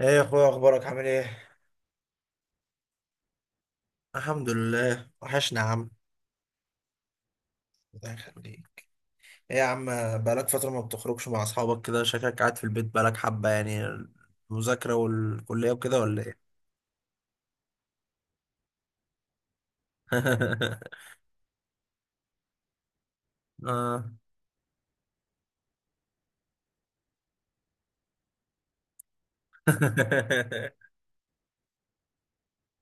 ايه يا اخويا، اخبارك؟ عامل ايه؟ الحمد لله، وحشنا يا عم. الله يخليك. ايه يا عم؟ بقالك فترة ما بتخرجش مع اصحابك كده، شكلك قاعد في البيت بقالك حبة يعني، المذاكرة والكلية وكده ولا ايه؟ اه.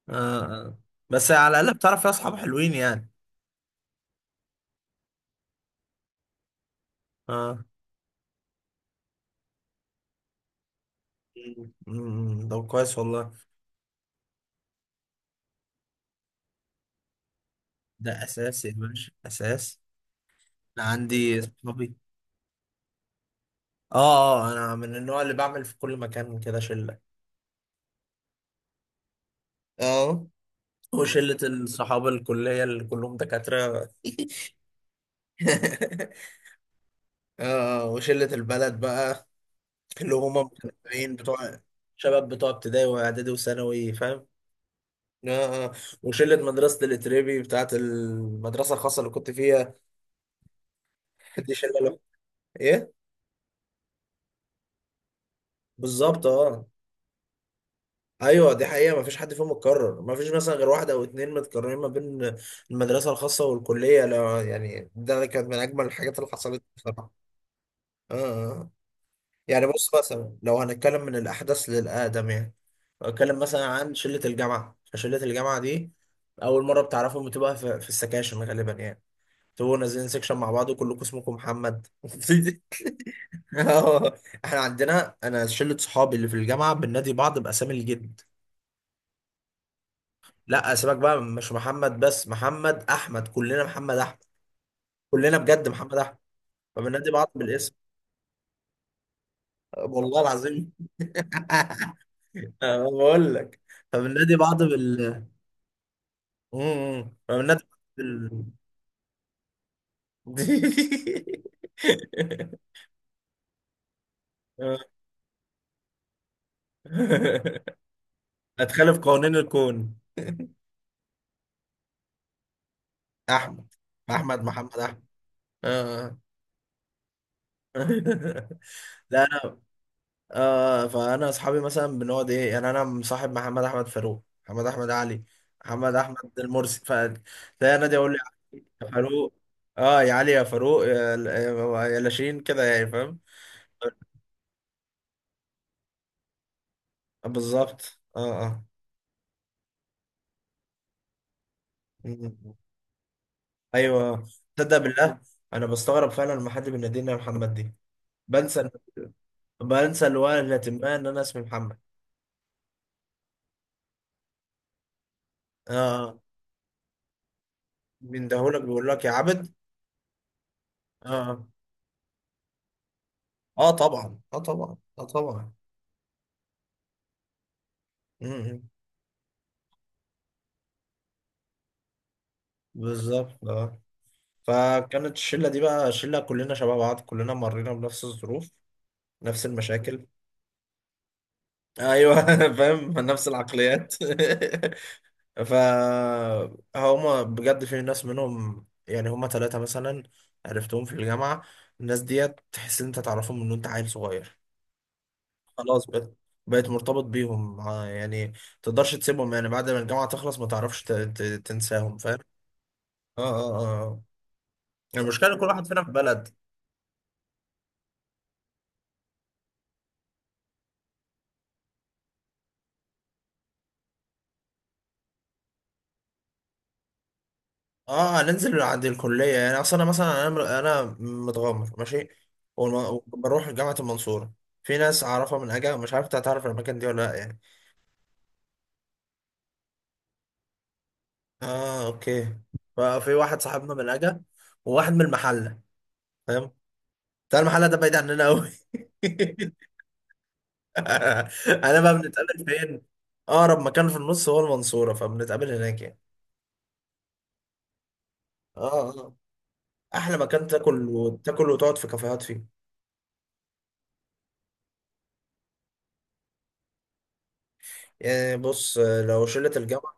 اه، آه. بس على الاقل بتعرف فيها اصحاب حلوين يعني. اه. ده كويس والله. ده اساس يا باشا، اساس. انا عندي اصحابي. اه، اه، انا من النوع اللي بعمل في كل مكان كده شلة. اه. وشلة الصحابة الكلية اللي كلهم دكاترة. آه، وشلة البلد بقى اللي هم متابعين بتوع شباب بتوع ابتدائي واعدادي وثانوي، فاهم. آه، آه. وشلة مدرسة الاتريبي بتاعت المدرسة الخاصة اللي كنت فيها. دي شلة لوحدها. ايه. بالظبط، اه. ايوه دي حقيقة، مفيش حد فيهم متكرر، مفيش مثلا غير واحد او اتنين متكررين ما بين المدرسة الخاصة والكلية. لا يعني، ده كانت من اجمل الحاجات اللي حصلت بصراحة. اه، آه. يعني بص مثلا، لو هنتكلم من الأحدث للأقدم يعني. لو هنتكلم مثلا عن شلة الجامعة، فشلة الجامعة دي أول مرة بتعرفهم بتبقى في السكاشن غالبا يعني، تبقوا نازلين سكشن مع بعض وكلكم اسمكم محمد. اه. احنا عندنا، انا شله صحابي اللي في الجامعه بننادي بعض باسامي الجد. لا سيبك بقى، مش محمد بس، محمد احمد، كلنا محمد احمد. كلنا بجد محمد احمد. فبننادي بعض بالاسم. والله العظيم. أنا بقول لك، فبننادي بعض بال... الناس ال- اتخلف قوانين الكون. احمد. احمد محمد احمد. آه. لا انا، آه، فانا اصحابي مثلا بنقعد ايه؟ يعني انا مصاحب محمد احمد فاروق، محمد احمد علي، محمد احمد المرسي، فتلاقي نادي يقول لي يا فاروق. اه، يا علي، يا فاروق، يا لاشين كده، يعني فاهم. بالظبط، اه. اه، ايوه. تصدق بالله، انا بستغرب فعلا لما حد بيناديني يا محمد دي. بنسى. بنسى الوهلة ما ان انا اسمي محمد. اه. بيندهولك بيقول لك يا عبد. اه، اه طبعا، اه طبعا، اه طبعا. امم. بالظبط، اه. فكانت الشله دي بقى شله كلنا شباب بعض، كلنا مرينا بنفس الظروف، نفس المشاكل. ايوه. فاهم نفس العقليات. فهما بجد في ناس منهم، يعني هما ثلاثة مثلا عرفتهم في الجامعة، الناس ديت تحس إن أنت تعرفهم من وأنت عيل صغير. خلاص بقيت مرتبط بيهم، آه، يعني تقدرش تسيبهم يعني بعد ما الجامعة تخلص، ما تعرفش تنساهم، فاهم. اه، اه، اه. المشكلة إن كل واحد فينا في بلد. اه، هننزل عند الكلية يعني. أصل أنا مثلا، أنا أنا متغمر ماشي وبروح جامعة المنصورة. في ناس أعرفها من أجا، مش عارف أنت هتعرف الأماكن دي ولا لأ يعني. اه، اوكي. ففي واحد صاحبنا من اجا، وواحد من المحله، فاهم. بتاع المحله ده بعيد عننا قوي. انا بقى بنتقابل فين؟ اقرب مكان في النص هو المنصوره، فبنتقابل هناك يعني. اه، اه. احلى مكان تاكل وتاكل وتقعد في كافيهات فيه. يعني بص،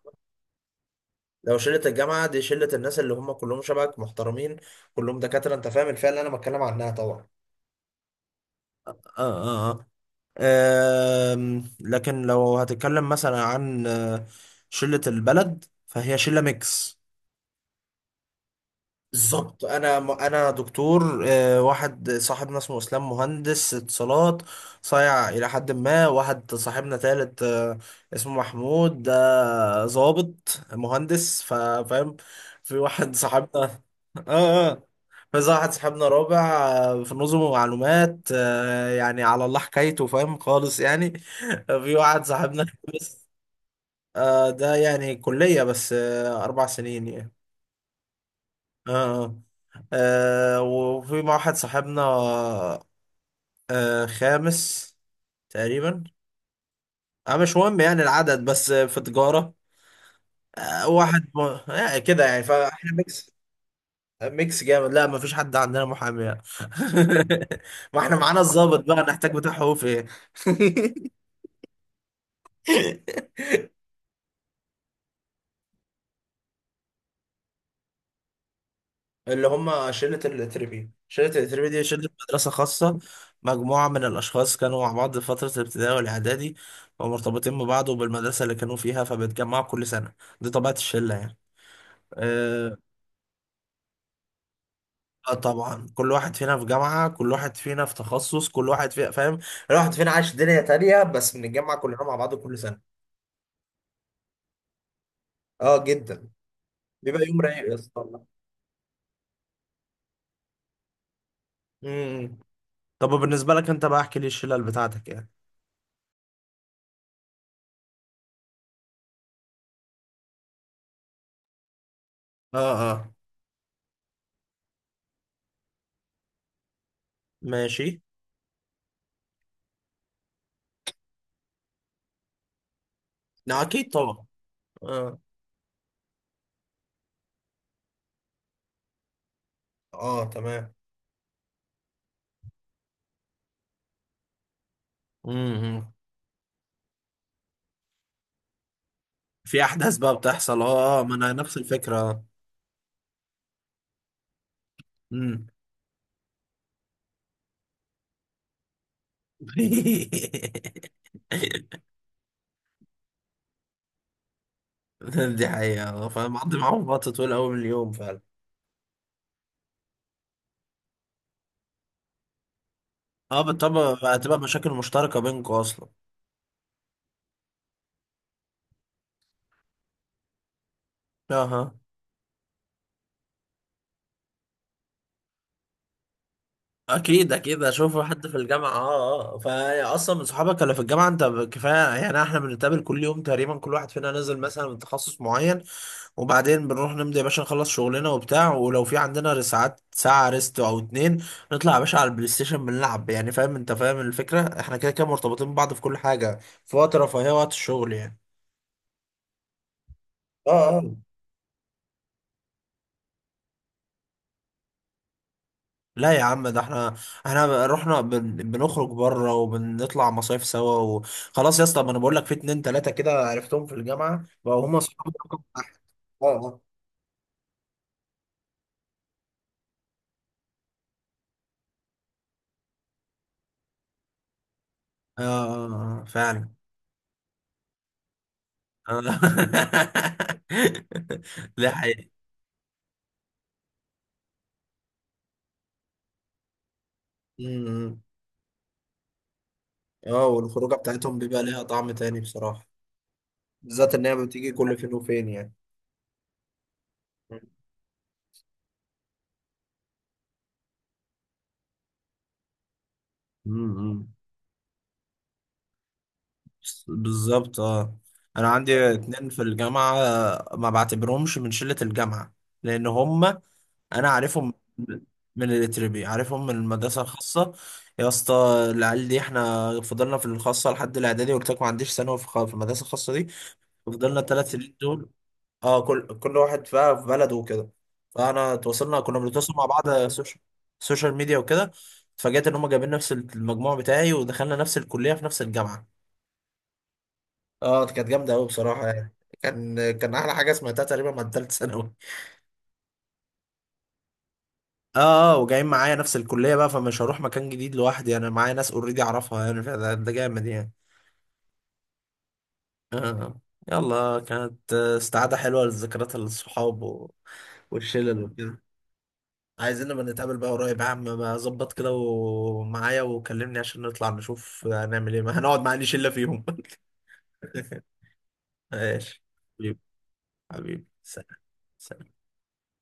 لو شله الجامعه دي شله الناس اللي هم كلهم شبهك محترمين، كلهم دكاتره، انت فاهم الفئه اللي انا بتكلم عنها طبعا. اه، اه، اه. لكن لو هتتكلم مثلا عن شلة البلد، فهي شلة ميكس. بالظبط. انا انا دكتور، واحد صاحبنا اسمه اسلام مهندس اتصالات، صايع الى حد ما. واحد صاحبنا تالت، اسمه محمود، ده ضابط مهندس، فاهم. في واحد صاحبنا. اه، اه. في واحد صاحبنا رابع، في نظم ومعلومات، يعني على الله حكايته، فاهم خالص يعني. في واحد صاحبنا خامس، ده يعني كلية بس، 4 سنين يعني. اه، آه. وفي مع واحد صاحبنا، خامس تقريبا، مش مهم يعني العدد، بس في تجارة، واحد كده يعني، فاحنا ميكس. ميكس جامد. لا، ما فيش حد عندنا محامي يعني. ما احنا معانا الضابط بقى، نحتاج بتاع حقوق في ايه؟ اللي هم شلة الاتربي دي شلة مدرسة خاصة، مجموعة من الأشخاص كانوا مع بعض في فترة الابتدائي والإعدادي، ومرتبطين ببعض وبالمدرسة اللي كانوا فيها، فبيتجمعوا كل سنة. دي طبيعة الشلة يعني. آه. آه طبعا، كل واحد فينا في جامعة، كل واحد فينا في تخصص، كل واحد فينا فاهم، كل واحد فينا عايش دنيا تانية، بس بنتجمع كلنا مع بعض كل سنة. اه جدا. بيبقى يوم رايق يا اسطى والله. مم. طب بالنسبة لك انت بقى، احكي لي الشلل بتاعتك يعني. اه، اه، ماشي. لا اكيد طبعا. اه، اه، تمام. امم. في احداث بقى بتحصل، اه آه، ما انا نفس الفكره. امم. دي حقيقه، فمقضي معاهم وقت طويل قوي من اليوم فعلا. اه، بالطبع هتبقى مشاكل مشتركه بينكم اصلا. اها. اكيد، اكيد اشوف حد في الجامعه. اه، اه، فا اصلا من صحابك اللي في الجامعه انت كفايه يعني. احنا بنتقابل كل يوم تقريبا، كل واحد فينا نزل مثلا من تخصص معين، وبعدين بنروح نمضي يا باشا، نخلص شغلنا وبتاع. ولو في عندنا ساعات، ساعة ريست أو اتنين، نطلع يا باشا على البلاي ستيشن بنلعب يعني. فاهم أنت، فاهم الفكرة، احنا كده كده مرتبطين ببعض في كل حاجة، في وقت رفاهية وقت الشغل يعني. اه، اه، لا يا عم، ده احنا احنا رحنا بنخرج بره وبنطلع مصايف سوا وخلاص يا اسطى. ما انا بقول لك في اتنين تلاتة كده عرفتهم في الجامعة بقوا هم اصحابي رقم واحد. اه، اه، اه. آه، آه، فعلا. آه. ده حقيقي. اه، والخروجه بتاعتهم بيبقى ليها طعم تاني بصراحه. بالذات ان هي بتيجي كل فين وفين يعني. امم. بالظبط، اه. انا عندي اتنين في الجامعه، ما بعتبرهمش من شله الجامعه لان هم انا عارفهم من الاتربي، عارفهم من المدرسه الخاصه. يا اسطى، العيال دي احنا فضلنا في الخاصه لحد الاعدادي. قلت لك ما عنديش ثانوي في في المدرسه الخاصه دي. فضلنا ال3 سنين دول، اه، كل واحد بقى في بلده وكده. فانا تواصلنا، كنا بنتواصل مع بعض سوشيال، سوشيال ميديا وكده. اتفاجأت ان هم جايبين نفس المجموع بتاعي، ودخلنا نفس الكلية في نفس الجامعة. اه كانت جامدة قوي بصراحة يعني. كان احلى حاجة سمعتها تقريبا من ثالث ثانوي. اه، اه، وجايين معايا نفس الكلية بقى، فمش هروح مكان جديد لوحدي، انا معايا ناس اوريدي اعرفها يعني. ده جامد يعني. آه. آه. يلا، كانت استعادة حلوة للذكريات، الصحاب والشلل وكده. عايزين نبقى نتقابل بقى قريب يا عم، ما ظبط كده ومعايا وكلمني عشان نطلع نشوف هنعمل ايه. ما هنقعد مع اي شلة فيهم. ماشي. حبيبي. حبيبي سلام. سلام.